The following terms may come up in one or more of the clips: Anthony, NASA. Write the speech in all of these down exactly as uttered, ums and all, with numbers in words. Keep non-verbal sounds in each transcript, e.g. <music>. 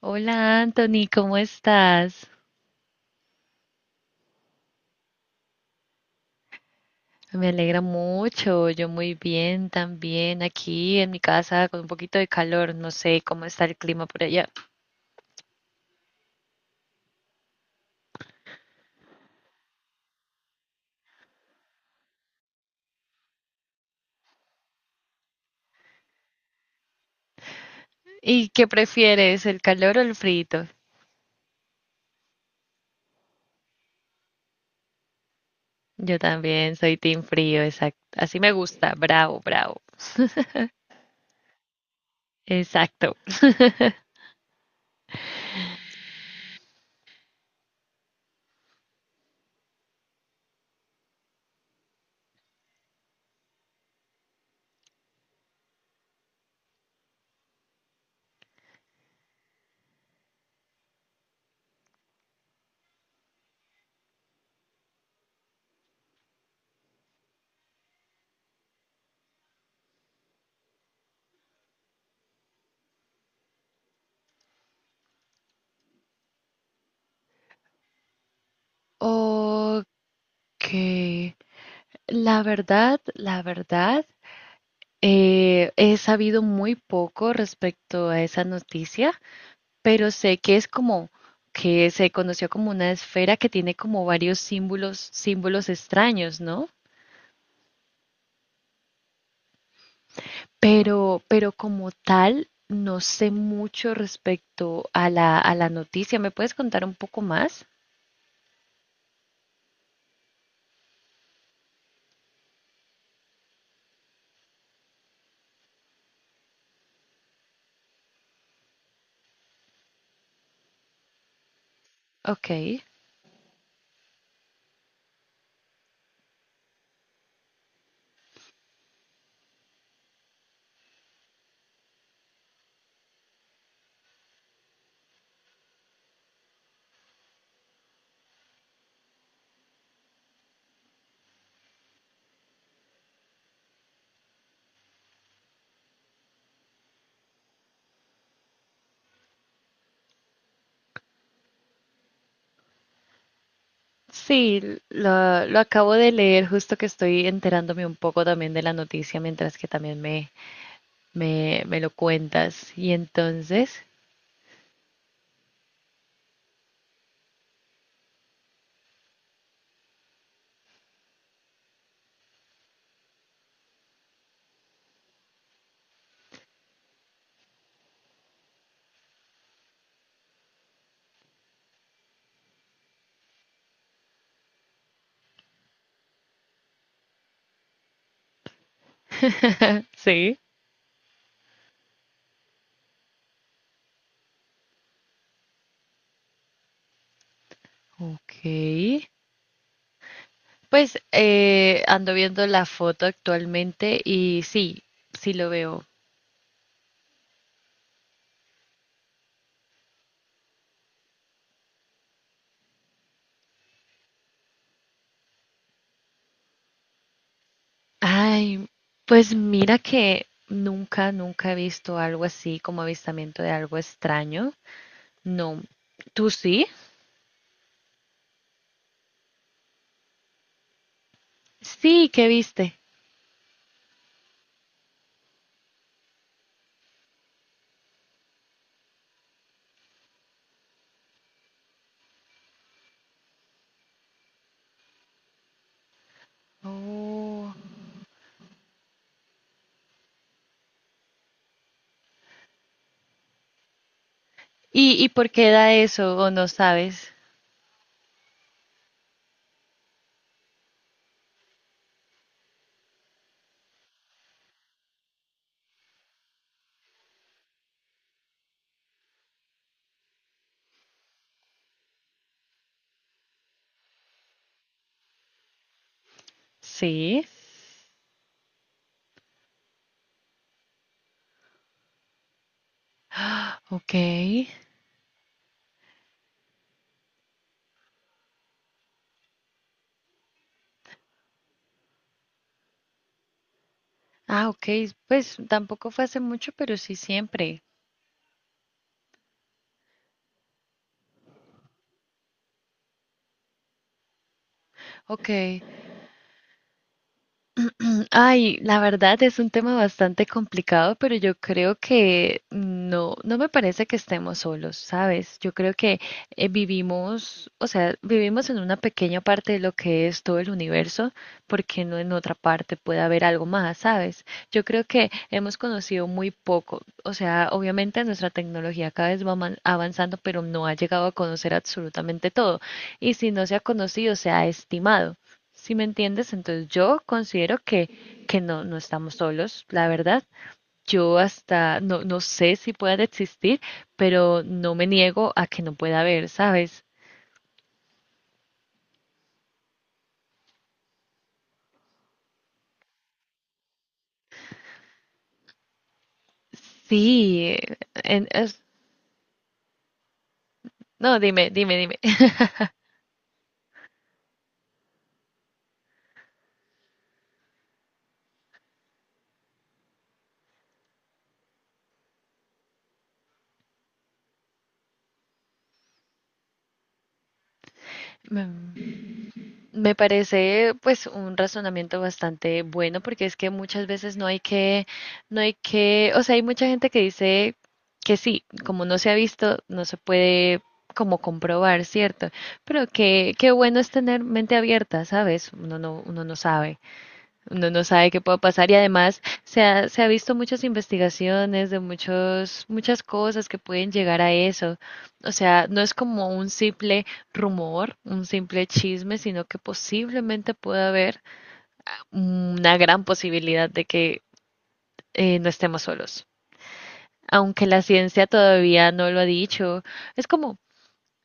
Hola Anthony, ¿cómo estás? Me alegra mucho, yo muy bien también aquí en mi casa con un poquito de calor, no sé cómo está el clima por allá. ¿Y qué prefieres, el calor o el frito? Yo también soy team frío, exacto. Así me gusta, bravo, bravo. Exacto. Ok, la verdad, la verdad, eh, he sabido muy poco respecto a esa noticia. Pero sé que es como que se conoció como una esfera que tiene como varios símbolos, símbolos extraños, ¿no? Pero, pero como tal, no sé mucho respecto a la, a la noticia. ¿Me puedes contar un poco más? Ok. Sí, lo, lo acabo de leer, justo que estoy enterándome un poco también de la noticia mientras que también me, me, me lo cuentas. Y entonces, sí, ok. Pues eh, ando viendo la foto actualmente y sí, sí lo veo. Ay, pues mira que nunca, nunca he visto algo así como avistamiento de algo extraño. No. ¿Tú sí? Sí, ¿qué viste? Oh. ¿Y, y por qué da eso o no sabes? Sí. Ok. Ah, ok. Pues tampoco fue hace mucho, pero sí siempre. Ok. <clears throat> Ay, la verdad es un tema bastante complicado, pero yo creo que no, no me parece que estemos solos, ¿sabes? Yo creo que eh, vivimos, o sea, vivimos en una pequeña parte de lo que es todo el universo, porque no en otra parte puede haber algo más, ¿sabes? Yo creo que hemos conocido muy poco, o sea, obviamente nuestra tecnología cada vez va aman- avanzando, pero no ha llegado a conocer absolutamente todo, y si no se ha conocido, se ha estimado. ¿Si me entiendes? Entonces yo considero que, que no, no estamos solos, la verdad. Yo hasta no, no sé si puedan existir, pero no me niego a que no pueda haber, ¿sabes? Sí, en- es- no, dime, dime, dime. <laughs> Me parece pues un razonamiento bastante bueno porque es que muchas veces no hay que, no hay que, o sea, hay mucha gente que dice que sí, como no se ha visto, no se puede como comprobar, ¿cierto? Pero que, qué bueno es tener mente abierta, ¿sabes? Uno no, uno no sabe. Uno no sabe qué puede pasar y además se ha, se ha visto muchas investigaciones de muchos, muchas cosas que pueden llegar a eso. O sea, no es como un simple rumor, un simple chisme, sino que posiblemente pueda haber una gran posibilidad de que eh, no estemos solos. Aunque la ciencia todavía no lo ha dicho, es como,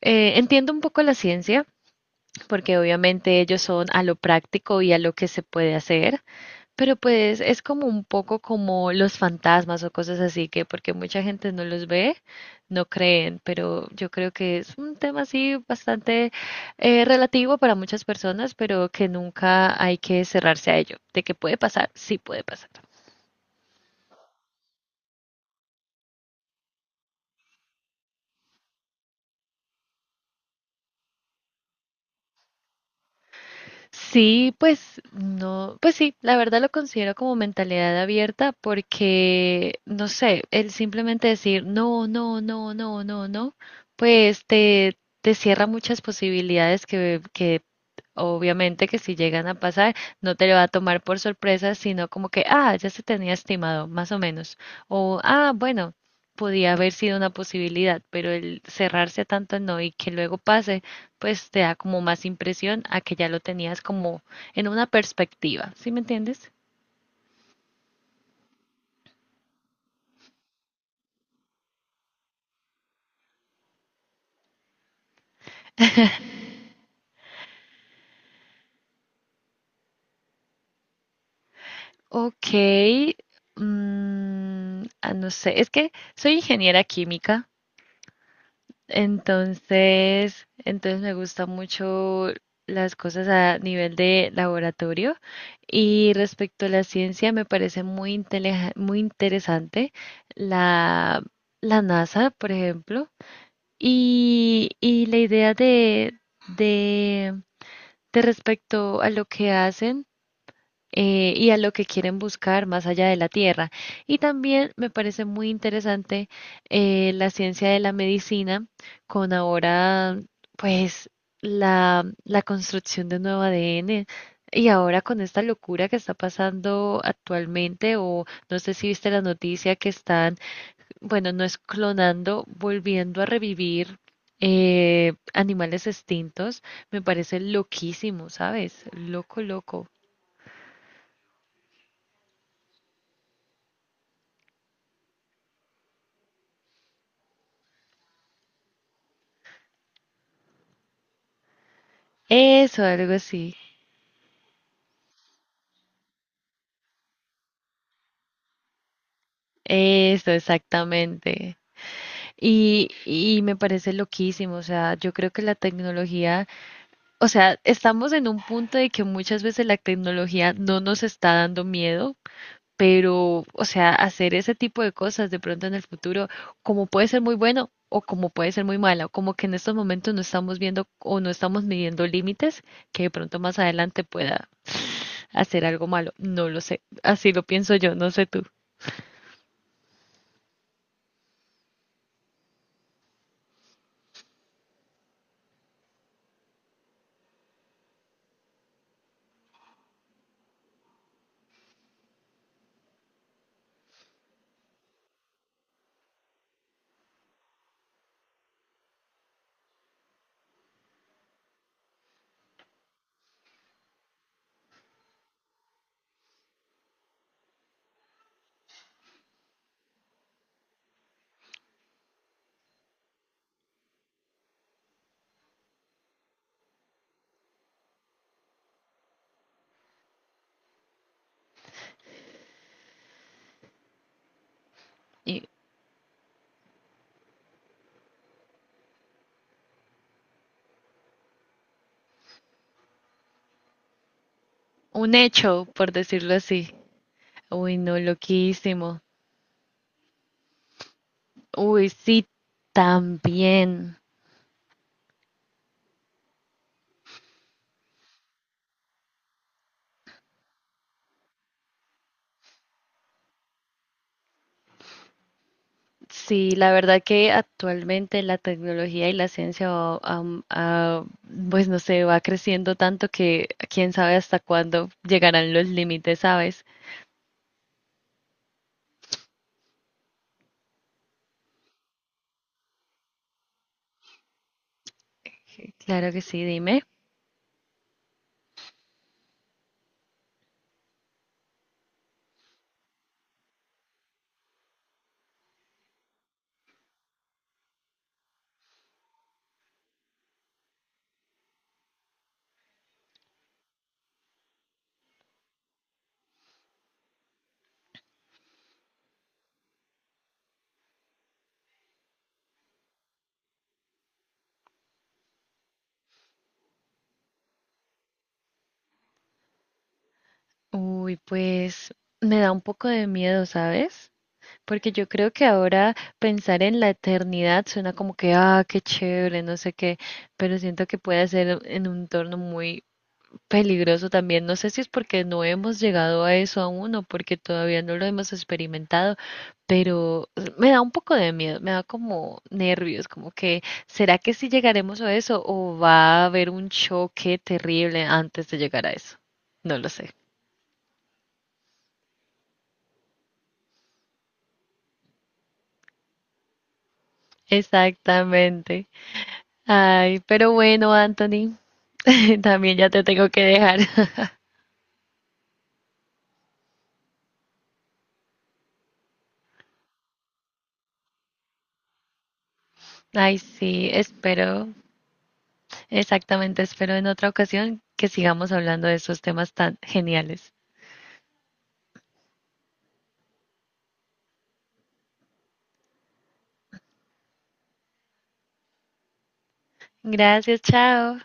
eh, entiendo un poco la ciencia, porque obviamente ellos son a lo práctico y a lo que se puede hacer, pero pues es como un poco como los fantasmas o cosas así, que porque mucha gente no los ve, no creen, pero yo creo que es un tema así bastante eh, relativo para muchas personas, pero que nunca hay que cerrarse a ello. De que puede pasar, sí puede pasar. Sí, pues no, pues sí, la verdad lo considero como mentalidad abierta porque, no sé, el simplemente decir no, no, no, no, no, no, pues te, te cierra muchas posibilidades que, que obviamente que si llegan a pasar, no te lo va a tomar por sorpresa, sino como que, ah, ya se tenía estimado, más o menos. O, ah, bueno, podía haber sido una posibilidad, pero el cerrarse a tanto no y que luego pase, pues te da como más impresión a que ya lo tenías como en una perspectiva, ¿sí me entiendes? Ok, mm, ah, no sé, es que soy ingeniera química. Entonces, entonces me gusta mucho las cosas a nivel de laboratorio y respecto a la ciencia me parece muy inteleja- muy interesante la, la NASA, por ejemplo, y, y la idea de, de, de respecto a lo que hacen eh, y a lo que quieren buscar más allá de la Tierra. Y también me parece muy interesante eh, la ciencia de la medicina con ahora, pues, la, la construcción de nuevo A D N. Y ahora con esta locura que está pasando actualmente, o no sé si viste la noticia que están, bueno, no es clonando, volviendo a revivir eh, animales extintos, me parece loquísimo, ¿sabes? Loco, loco. Eso, algo así. Eso, exactamente. Y, y me parece loquísimo, o sea, yo creo que la tecnología, o sea, estamos en un punto de que muchas veces la tecnología no nos está dando miedo, pero, o sea, hacer ese tipo de cosas de pronto en el futuro, como puede ser muy bueno o como puede ser muy malo, como que en estos momentos no estamos viendo o no estamos midiendo límites que de pronto más adelante pueda hacer algo malo, no lo sé, así lo pienso yo, no sé tú. Un hecho, por decirlo así. Uy, no, loquísimo. Uy, sí, también. Sí, la verdad que actualmente la tecnología y la ciencia, va- am- ah, pues no sé, va creciendo tanto que quién sabe hasta cuándo llegarán los límites, ¿sabes? Claro que sí, dime. Uy, pues me da un poco de miedo, ¿sabes? Porque yo creo que ahora pensar en la eternidad suena como que, ah, qué chévere, no sé qué, pero siento que puede ser en un torno muy peligroso también. No sé si es porque no hemos llegado a eso aún o porque todavía no lo hemos experimentado, pero me da un poco de miedo, me da como nervios, como que, ¿será que sí llegaremos a eso o va a haber un choque terrible antes de llegar a eso? No lo sé. Exactamente. Ay, pero bueno, Anthony, <laughs> también ya te tengo que dejar. <laughs> Ay, sí, espero, exactamente, espero en otra ocasión que sigamos hablando de esos temas tan geniales. Gracias, chao.